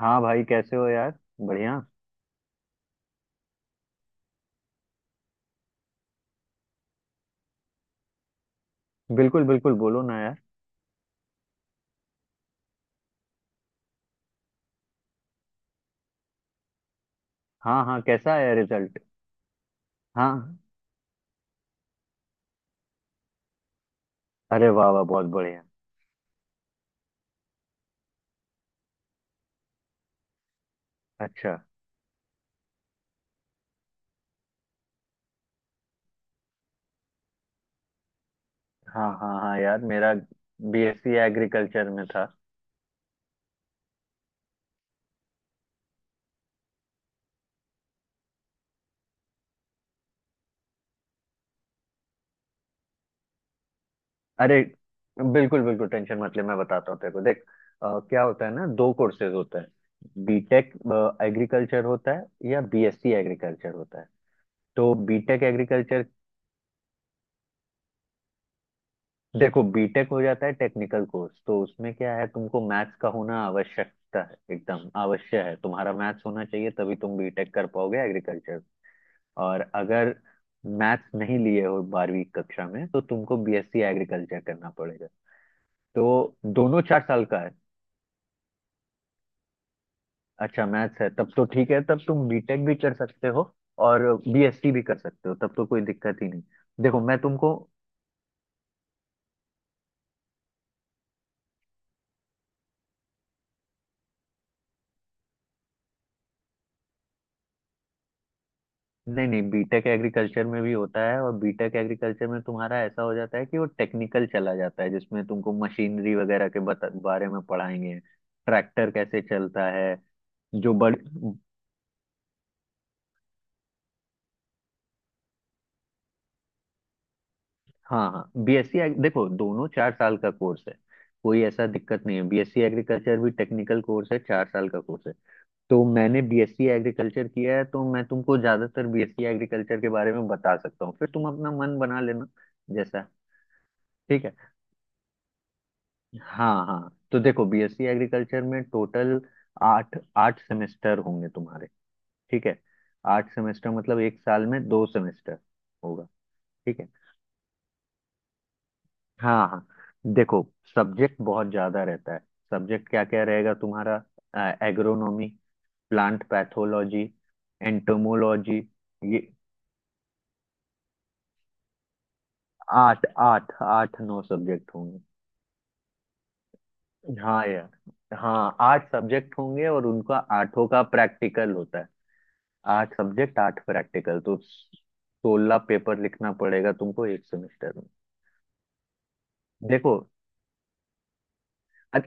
हाँ भाई, कैसे हो यार। बढ़िया। बिल्कुल बिल्कुल, बोलो ना यार। हाँ हाँ, कैसा आया रिजल्ट। हाँ। अरे वाह वाह, बहुत बढ़िया। अच्छा। हाँ हाँ हाँ यार, मेरा बीएससी एग्रीकल्चर में था। अरे बिल्कुल बिल्कुल, टेंशन मत ले, मैं बताता हूँ तेरे को, देख। क्या होता है ना, दो कोर्सेज होते हैं। बीटेक एग्रीकल्चर होता है या बीएससी एग्रीकल्चर होता है। तो बीटेक एग्रीकल्चर, देखो बीटेक हो जाता है टेक्निकल कोर्स, तो उसमें क्या है, तुमको मैथ्स का होना आवश्यकता है, एकदम आवश्यक है, तुम्हारा मैथ्स होना चाहिए तभी तुम बीटेक कर पाओगे एग्रीकल्चर। और अगर मैथ्स नहीं लिए हो 12वीं कक्षा में तो तुमको बीएससी एग्रीकल्चर करना पड़ेगा। तो दोनों 4 साल का है। अच्छा मैथ्स है, तब तो ठीक है, तब तुम बीटेक भी कर सकते हो और बीएससी भी कर सकते हो, तब तो कोई दिक्कत ही नहीं। देखो मैं तुमको, नहीं नहीं बीटेक एग्रीकल्चर में भी होता है, और बीटेक एग्रीकल्चर में तुम्हारा ऐसा हो जाता है कि वो टेक्निकल चला जाता है, जिसमें तुमको मशीनरी वगैरह के बारे में पढ़ाएंगे। ट्रैक्टर कैसे चलता है। जो बड़ हाँ हाँ, बीएससी देखो दोनों 4 साल का कोर्स है, कोई ऐसा दिक्कत नहीं है। बीएससी एग्रीकल्चर भी टेक्निकल कोर्स है, 4 साल का कोर्स है। तो मैंने बीएससी एग्रीकल्चर किया है, तो मैं तुमको ज्यादातर बीएससी एग्रीकल्चर के बारे में बता सकता हूँ, फिर तुम अपना मन बना लेना जैसा। ठीक है। हाँ हाँ, तो देखो बीएससी एग्रीकल्चर में टोटल आठ आठ सेमेस्टर होंगे तुम्हारे। ठीक है। 8 सेमेस्टर मतलब 1 साल में 2 सेमेस्टर होगा। ठीक है। हाँ हाँ। देखो सब्जेक्ट बहुत ज्यादा रहता है। सब्जेक्ट क्या क्या रहेगा तुम्हारा, एग्रोनॉमी, प्लांट पैथोलॉजी, एंटोमोलॉजी, ये आठ आठ आठ नौ सब्जेक्ट होंगे। हाँ यार। हाँ, 8 सब्जेक्ट होंगे और उनका आठों का प्रैक्टिकल होता है। 8 सब्जेक्ट 8 प्रैक्टिकल, तो 16 पेपर लिखना पड़ेगा तुमको 1 सेमेस्टर में। देखो, अ-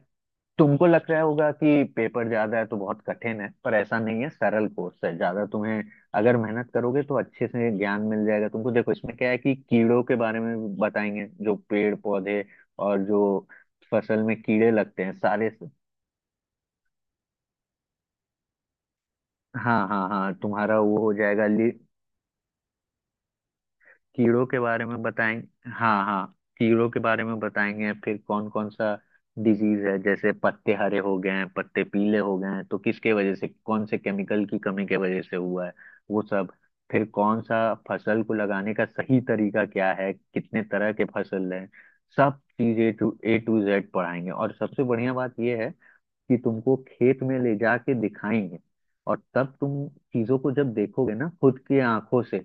तुमको लग रहा होगा कि पेपर ज्यादा है तो बहुत कठिन है, पर ऐसा नहीं है, सरल कोर्स है ज्यादा। तुम्हें अगर मेहनत करोगे तो अच्छे से ज्ञान मिल जाएगा तुमको। देखो इसमें क्या है कि कीड़ों के बारे में भी बताएंगे, जो पेड़ पौधे और जो फसल में कीड़े लगते हैं सारे। हाँ हाँ हाँ, तुम्हारा वो हो जाएगा। कीड़ों के बारे में बताएंगे, हाँ हाँ। कीड़ों के बारे में बताएंगे, फिर कौन कौन सा डिजीज है, जैसे पत्ते हरे हो गए हैं, पत्ते पीले हो गए हैं, तो किसके वजह से, कौन से केमिकल की कमी के वजह से हुआ है, वो सब। फिर कौन सा फसल को लगाने का सही तरीका क्या है, कितने तरह के फसल हैं, सब चीजें टू ए टू जेड पढ़ाएंगे। और सबसे बढ़िया बात यह है कि तुमको खेत में ले जाके दिखाएंगे, और तब तुम चीजों को जब देखोगे ना खुद की आंखों से,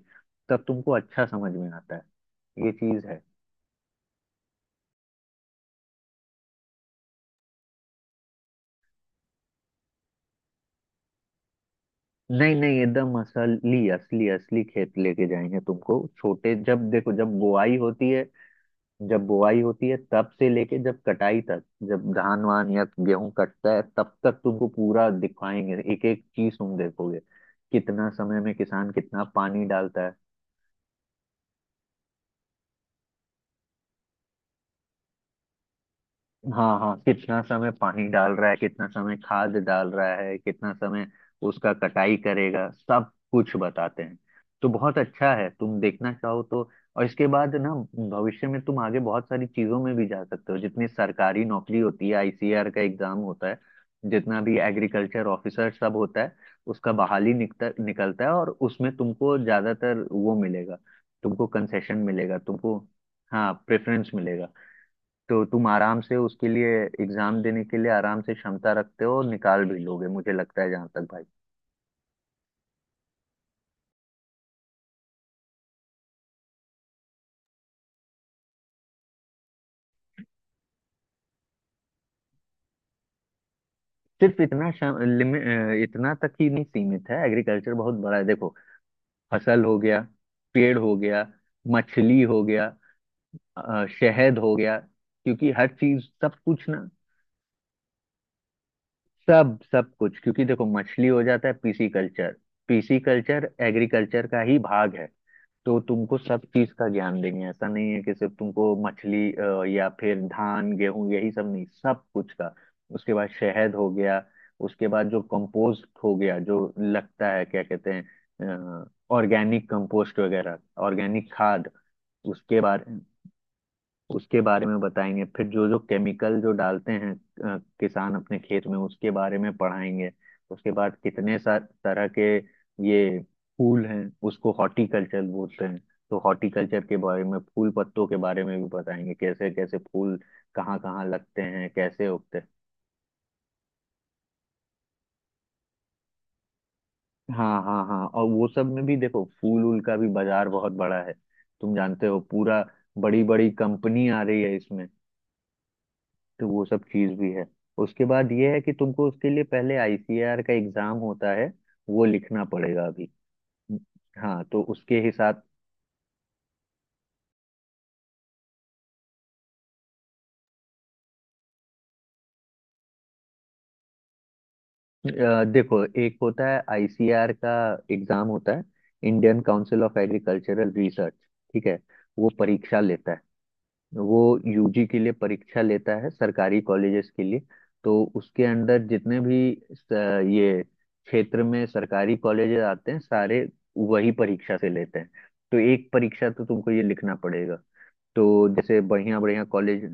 तब तुमको अच्छा समझ में आता है ये चीज है। नहीं नहीं, एकदम असली असली असली खेत लेके जाएंगे तुमको, छोटे जब देखो, जब बुआई होती है, जब बुआई होती है तब से लेके जब कटाई तक, जब धान वान या गेहूं कटता है तब तक तुमको पूरा दिखाएंगे, एक एक चीज तुम देखोगे। कितना समय में किसान कितना पानी डालता है। हाँ हाँ, कितना समय पानी डाल रहा है, कितना समय खाद डाल रहा है, कितना समय उसका कटाई करेगा, सब कुछ बताते हैं। तो बहुत अच्छा है तुम देखना चाहो तो। और इसके बाद ना, भविष्य में तुम आगे बहुत सारी चीजों में भी जा सकते हो। जितनी सरकारी नौकरी होती है, ICAR का एग्जाम होता है, जितना भी एग्रीकल्चर ऑफिसर सब होता है, उसका बहाली निकता निकलता है, और उसमें तुमको ज्यादातर वो मिलेगा, तुमको कंसेशन मिलेगा तुमको। हाँ, प्रेफरेंस मिलेगा। तो तुम आराम से उसके लिए एग्जाम देने के लिए आराम से क्षमता रखते हो, और निकाल भी लोगे मुझे लगता है, जहां तक भाई। सिर्फ इतना इतना तक ही नहीं सीमित है, एग्रीकल्चर बहुत बड़ा है देखो। फसल हो गया, पेड़ हो गया, मछली हो गया, शहद हो गया, क्योंकि हर चीज सब कुछ ना, सब सब कुछ, क्योंकि देखो मछली हो जाता है PC culture, pisciculture agriculture का ही भाग है। तो तुमको सब चीज का ज्ञान देंगे, ऐसा नहीं है कि सिर्फ तुमको मछली या फिर धान गेहूं यही सब, नहीं सब कुछ का। उसके बाद शहद हो गया, उसके बाद जो कंपोस्ट हो गया, जो लगता है क्या कहते हैं, ऑर्गेनिक कंपोस्ट वगैरह, ऑर्गेनिक खाद, उसके बारे उसके बारे में बताएंगे। फिर जो जो केमिकल जो डालते हैं किसान अपने खेत में, उसके बारे में पढ़ाएंगे। उसके बाद कितने सा तरह के ये फूल हैं, उसको हॉर्टिकल्चर बोलते हैं, तो हॉर्टिकल्चर के बारे में फूल पत्तों के बारे में भी बताएंगे, कैसे कैसे फूल कहाँ कहाँ लगते हैं, कैसे उगते हैं। हाँ हाँ हाँ, और वो सब में भी देखो फूल वूल का भी बाजार बहुत बड़ा है, तुम जानते हो पूरा। बड़ी बड़ी कंपनी आ रही है इसमें, तो वो सब चीज भी है। उसके बाद ये है कि तुमको उसके लिए पहले ICAR का एग्जाम होता है, वो लिखना पड़ेगा अभी। हाँ तो उसके हिसाब, देखो एक होता है ICAR का एग्जाम होता है, Indian council of agricultural research. ठीक है, वो परीक्षा लेता है, वो यूजी के लिए परीक्षा लेता है सरकारी कॉलेजेस के लिए। तो उसके अंदर जितने भी स- ये क्षेत्र में सरकारी कॉलेजेस आते हैं सारे, वही परीक्षा से लेते हैं। तो एक परीक्षा तो तुमको ये लिखना पड़ेगा, तो जैसे बढ़िया बढ़िया कॉलेज।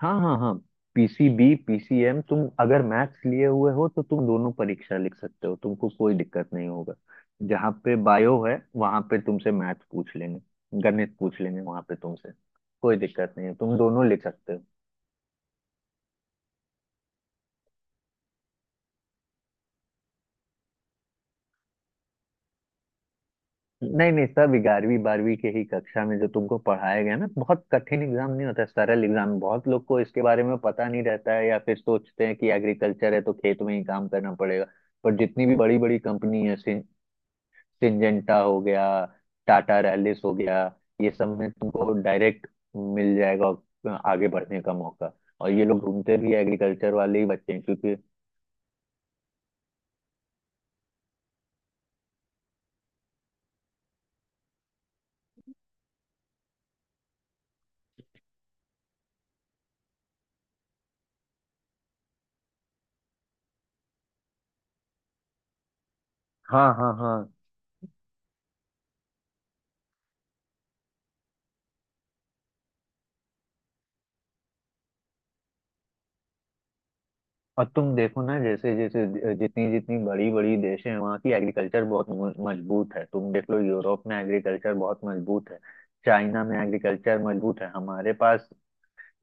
हाँ हाँ हाँ, PCB PCM, तुम अगर मैथ्स लिए हुए हो तो तुम दोनों परीक्षा लिख सकते हो, तुमको कोई दिक्कत नहीं होगा। जहाँ पे बायो है वहां पे तुमसे मैथ्स पूछ लेंगे, गणित पूछ लेंगे वहां पे तुमसे, कोई दिक्कत नहीं है, तुम दोनों लिख सकते हो। नहीं नहीं, सब 11वीं 12वीं के ही कक्षा में जो तुमको पढ़ाया गया ना, बहुत कठिन एग्जाम नहीं होता, सरल एग्जाम। बहुत लोग को इसके बारे में पता नहीं रहता है, या फिर सोचते हैं कि एग्रीकल्चर है तो खेत में ही काम करना पड़ेगा। पर जितनी भी बड़ी बड़ी कंपनी है, सिंजेंटा हो गया, टाटा रैलिस हो गया, ये सब में तुमको डायरेक्ट मिल जाएगा आगे बढ़ने का मौका। और ये लोग ढूंढते भी एग्रीकल्चर वाले ही बच्चे हैं, क्योंकि हाँ हाँ हाँ। और तुम देखो ना, जैसे जैसे जितनी जितनी बड़ी बड़ी देश हैं वहाँ की एग्रीकल्चर बहुत मजबूत है, तुम देख लो यूरोप में एग्रीकल्चर बहुत मजबूत है, चाइना में एग्रीकल्चर मजबूत है। हमारे पास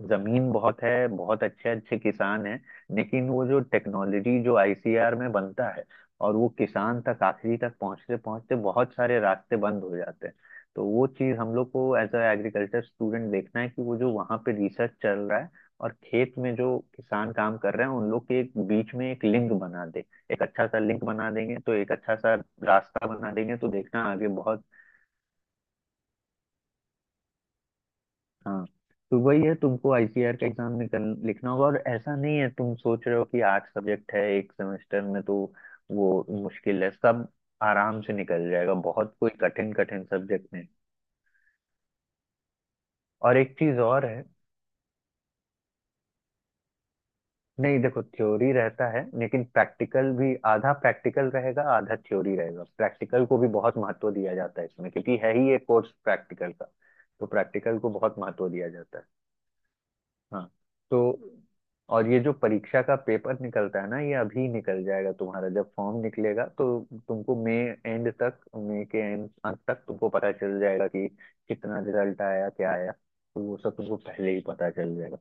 जमीन बहुत है, बहुत अच्छे अच्छे किसान हैं, लेकिन वो जो टेक्नोलॉजी जो ICAR में बनता है, और वो किसान तक आखिरी तक पहुंचते पहुंचते बहुत सारे रास्ते बंद हो जाते हैं। तो वो चीज हम लोग को एज अ एग्रीकल्चर स्टूडेंट देखना है, कि वो जो वहाँ पे रिसर्च चल रहा है और खेत में जो किसान काम कर रहे हैं, उन लोग के एक बीच में एक लिंक बना दे, एक अच्छा सा लिंक बना देंगे तो एक अच्छा सा रास्ता बना देंगे, तो देखना आगे बहुत। हाँ, तो वही है, तुमको ICAR का एग्जाम निकल लिखना होगा। और ऐसा नहीं है तुम सोच रहे हो कि 8 सब्जेक्ट है 1 सेमेस्टर में तो वो मुश्किल है, सब आराम से निकल जाएगा, बहुत कोई कठिन कठिन सब्जेक्ट नहीं। और एक चीज और है, नहीं देखो थ्योरी रहता है लेकिन प्रैक्टिकल भी, आधा प्रैक्टिकल रहेगा आधा थ्योरी रहेगा, प्रैक्टिकल को भी बहुत महत्व दिया जाता है इसमें, क्योंकि है ही एक कोर्स प्रैक्टिकल का, तो प्रैक्टिकल को बहुत महत्व दिया जाता है। हाँ। तो और ये जो परीक्षा का पेपर निकलता है ना, ये अभी निकल जाएगा तुम्हारा, जब फॉर्म निकलेगा तो तुमको मई एंड तक, मई के एंड अंत तक तुमको पता चल जाएगा कि कितना रिजल्ट आया क्या आया, तो वो सब तुमको पहले ही पता चल जाएगा,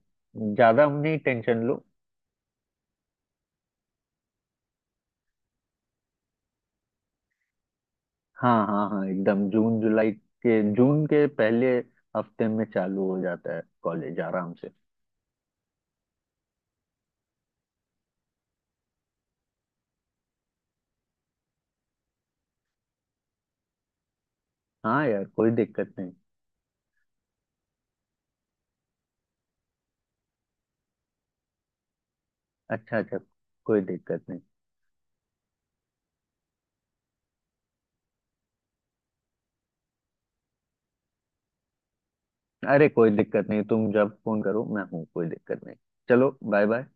ज्यादा नहीं टेंशन लो। हाँ हाँ हाँ, एकदम जून जुलाई के, जून के पहले हफ्ते में चालू हो जाता है कॉलेज आराम से। हाँ यार, कोई दिक्कत नहीं। अच्छा अच्छा, कोई दिक्कत नहीं। अरे कोई दिक्कत नहीं, तुम जब फोन करो मैं हूँ, कोई दिक्कत नहीं। चलो बाय बाय।